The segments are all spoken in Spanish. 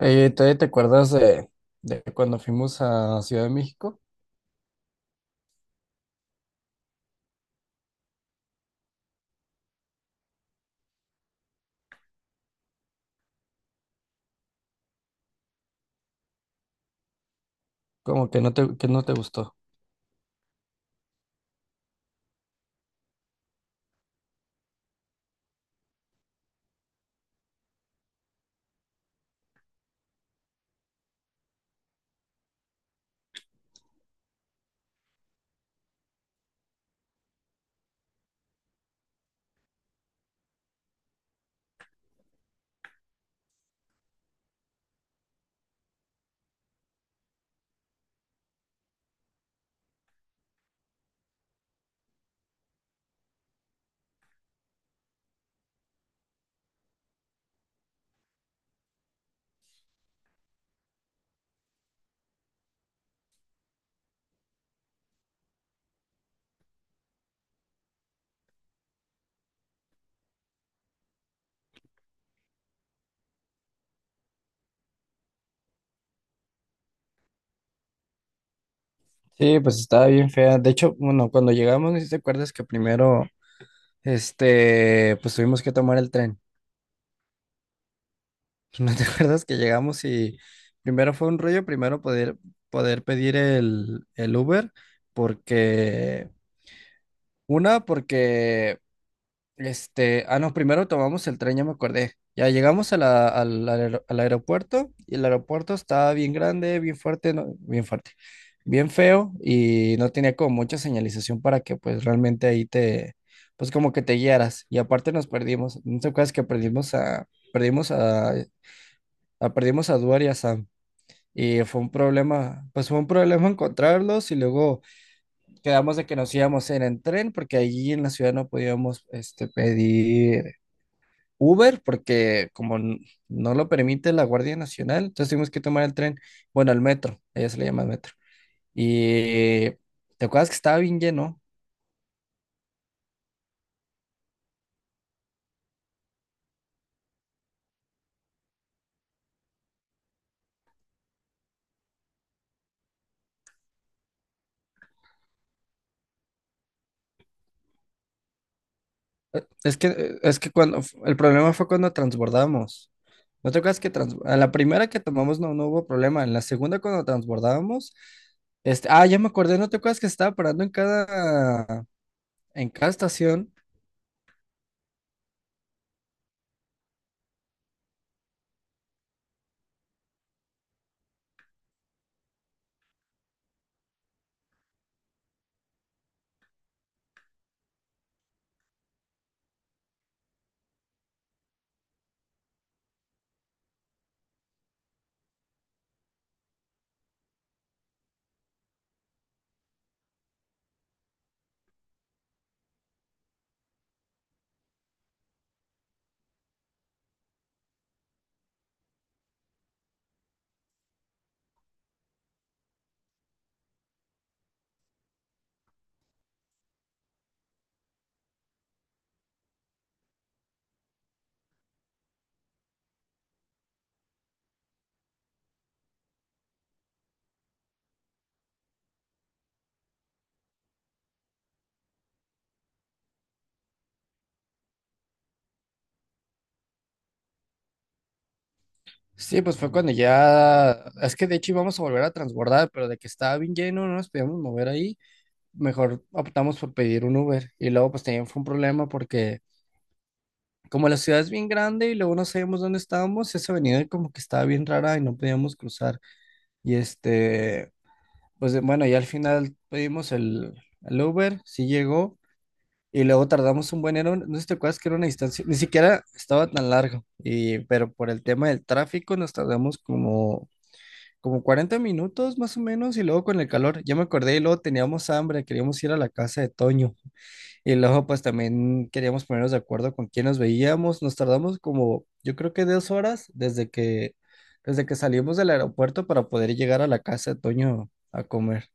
¿Todavía te acuerdas de cuando fuimos a Ciudad de México? Como que no te gustó. Sí, pues estaba bien fea. De hecho, bueno, cuando llegamos, no sé si te acuerdas que primero, pues tuvimos que tomar el tren. ¿No te acuerdas que llegamos y primero fue un rollo, primero poder pedir el Uber, porque, una, porque Este, ah, no, primero tomamos el tren, ya me acordé. Ya llegamos a al aeropuerto y el aeropuerto estaba bien grande, bien fuerte, bien fuerte, bien feo y no tenía como mucha señalización para que pues realmente ahí te, pues como que te guiaras. Y aparte nos perdimos, ¿no te acuerdas que perdimos a Duar y a Sam? Y fue un problema, pues fue un problema encontrarlos y luego quedamos de que nos íbamos en el tren porque allí en la ciudad no podíamos, pedir Uber, porque no lo permite la Guardia Nacional. Entonces tuvimos que tomar el tren, bueno, el metro, ella se le llama metro. Y te acuerdas que estaba bien lleno. Es que cuando el problema fue cuando transbordamos. ¿No te acuerdas que a la primera que tomamos no, no hubo problema? En la segunda cuando transbordábamos, ya me acordé, ¿no te acuerdas que estaba parando en cada estación? Sí, pues fue cuando ya, es que de hecho íbamos a volver a transbordar, pero de que estaba bien lleno, no nos podíamos mover ahí. Mejor optamos por pedir un Uber. Y luego pues también fue un problema porque como la ciudad es bien grande y luego no sabíamos dónde estábamos, esa avenida como que estaba bien rara y no podíamos cruzar. Y pues bueno, ya al final pedimos el Uber, sí llegó. Y luego tardamos un buen, era no sé si te acuerdas que era una distancia, ni siquiera estaba tan largo, y, pero por el tema del tráfico nos tardamos como 40 minutos más o menos, y luego con el calor, ya me acordé, y luego teníamos hambre, queríamos ir a la casa de Toño. Y luego pues también queríamos ponernos de acuerdo con quién nos veíamos. Nos tardamos como, yo creo que 2 horas desde que salimos del aeropuerto para poder llegar a la casa de Toño a comer.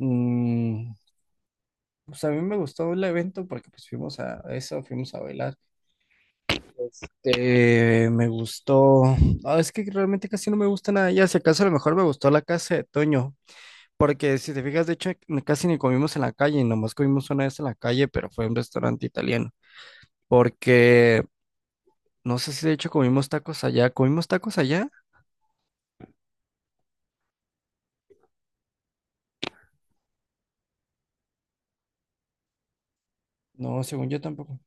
Mm, pues a mí me gustó el evento porque pues fuimos a eso, fuimos a bailar. Me gustó. Ah, es que realmente casi no me gusta nada. Ya, si acaso, a lo mejor me gustó la casa de Toño. Porque si te fijas, de hecho, casi ni comimos en la calle, nomás comimos una vez en la calle, pero fue un restaurante italiano. Porque No sé si de hecho comimos tacos allá. ¿Comimos tacos allá? No, según yo tampoco.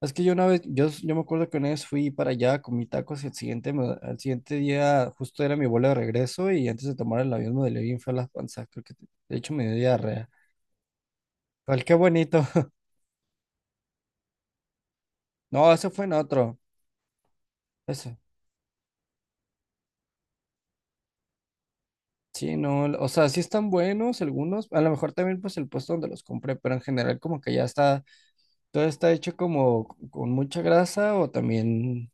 Es que yo una vez, yo me acuerdo que una vez fui para allá, comí tacos y el siguiente, al siguiente día justo era mi vuelo de regreso, y antes de tomar el avión me dolió bien feo las panzas. Creo que de hecho me dio diarrea. Pero qué bonito. No, eso fue en otro. Eso. Sí, no, o sea, sí están buenos algunos. A lo mejor también pues el puesto donde los compré, pero en general como que ya está, todo está hecho como con mucha grasa, o también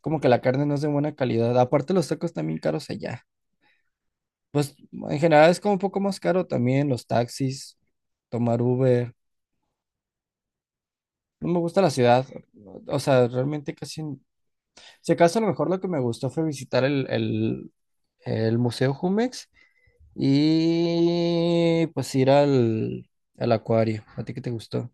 como que la carne no es de buena calidad. Aparte, los tacos también caros allá. Pues en general es como un poco más caro también los taxis, tomar Uber. No me gusta la ciudad. O sea, realmente casi... Si acaso a lo mejor lo que me gustó fue visitar el Museo Jumex y pues ir al acuario. ¿A ti qué te gustó?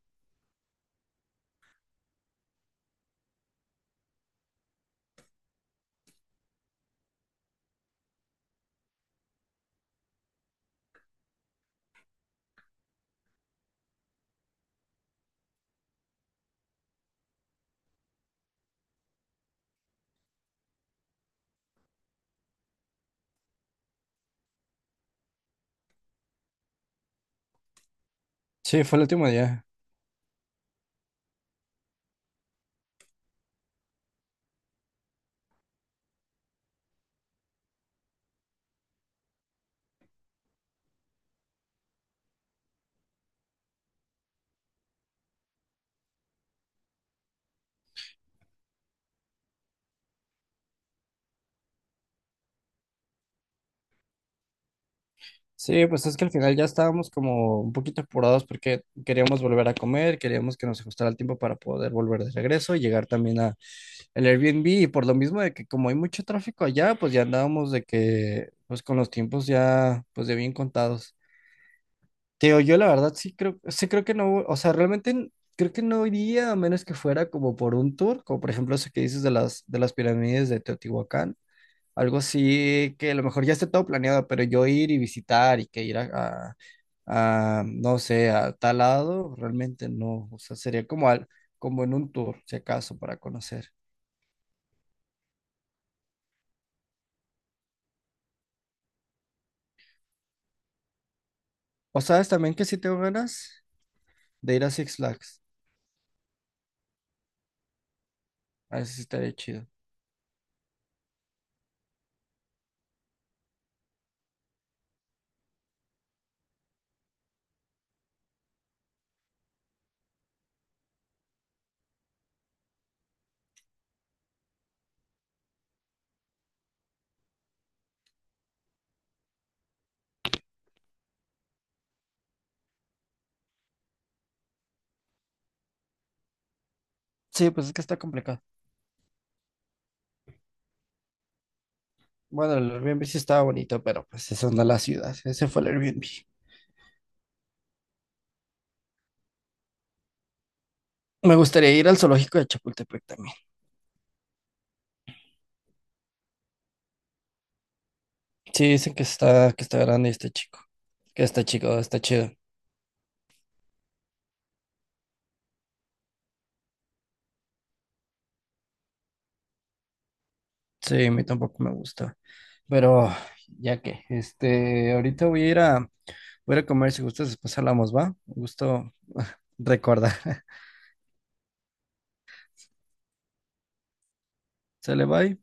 Sí, fue el último día. Sí, pues es que al final ya estábamos como un poquito apurados porque queríamos volver a comer, queríamos que nos ajustara el tiempo para poder volver de regreso y llegar también a el Airbnb, y por lo mismo de que como hay mucho tráfico allá, pues ya andábamos de que pues con los tiempos ya pues de bien contados. Teo, yo la verdad sí creo, sí creo que no, o sea, realmente creo que no iría a menos que fuera como por un tour, como por ejemplo ese que dices de las pirámides de Teotihuacán. Algo así que a lo mejor ya esté todo planeado, pero yo ir y visitar y que ir no sé, a tal lado, realmente no. O sea, sería como, al, como en un tour, si acaso, para conocer. O sabes también que sí tengo ganas de ir a Six Flags. A ver si estaría chido. Sí, pues es que está complicado. Bueno, el Airbnb sí estaba bonito, pero pues eso no es la ciudad. Ese fue el Airbnb. Me gustaría ir al zoológico de Chapultepec también. Sí, dicen que está grande y está chico. Que está chico, está chido. Sí, a mí tampoco me gusta. Pero ya que, ahorita voy a ir voy a ir a comer. Si gustas, después hablamos, ¿va? Un gusto recordar. Sale, bye.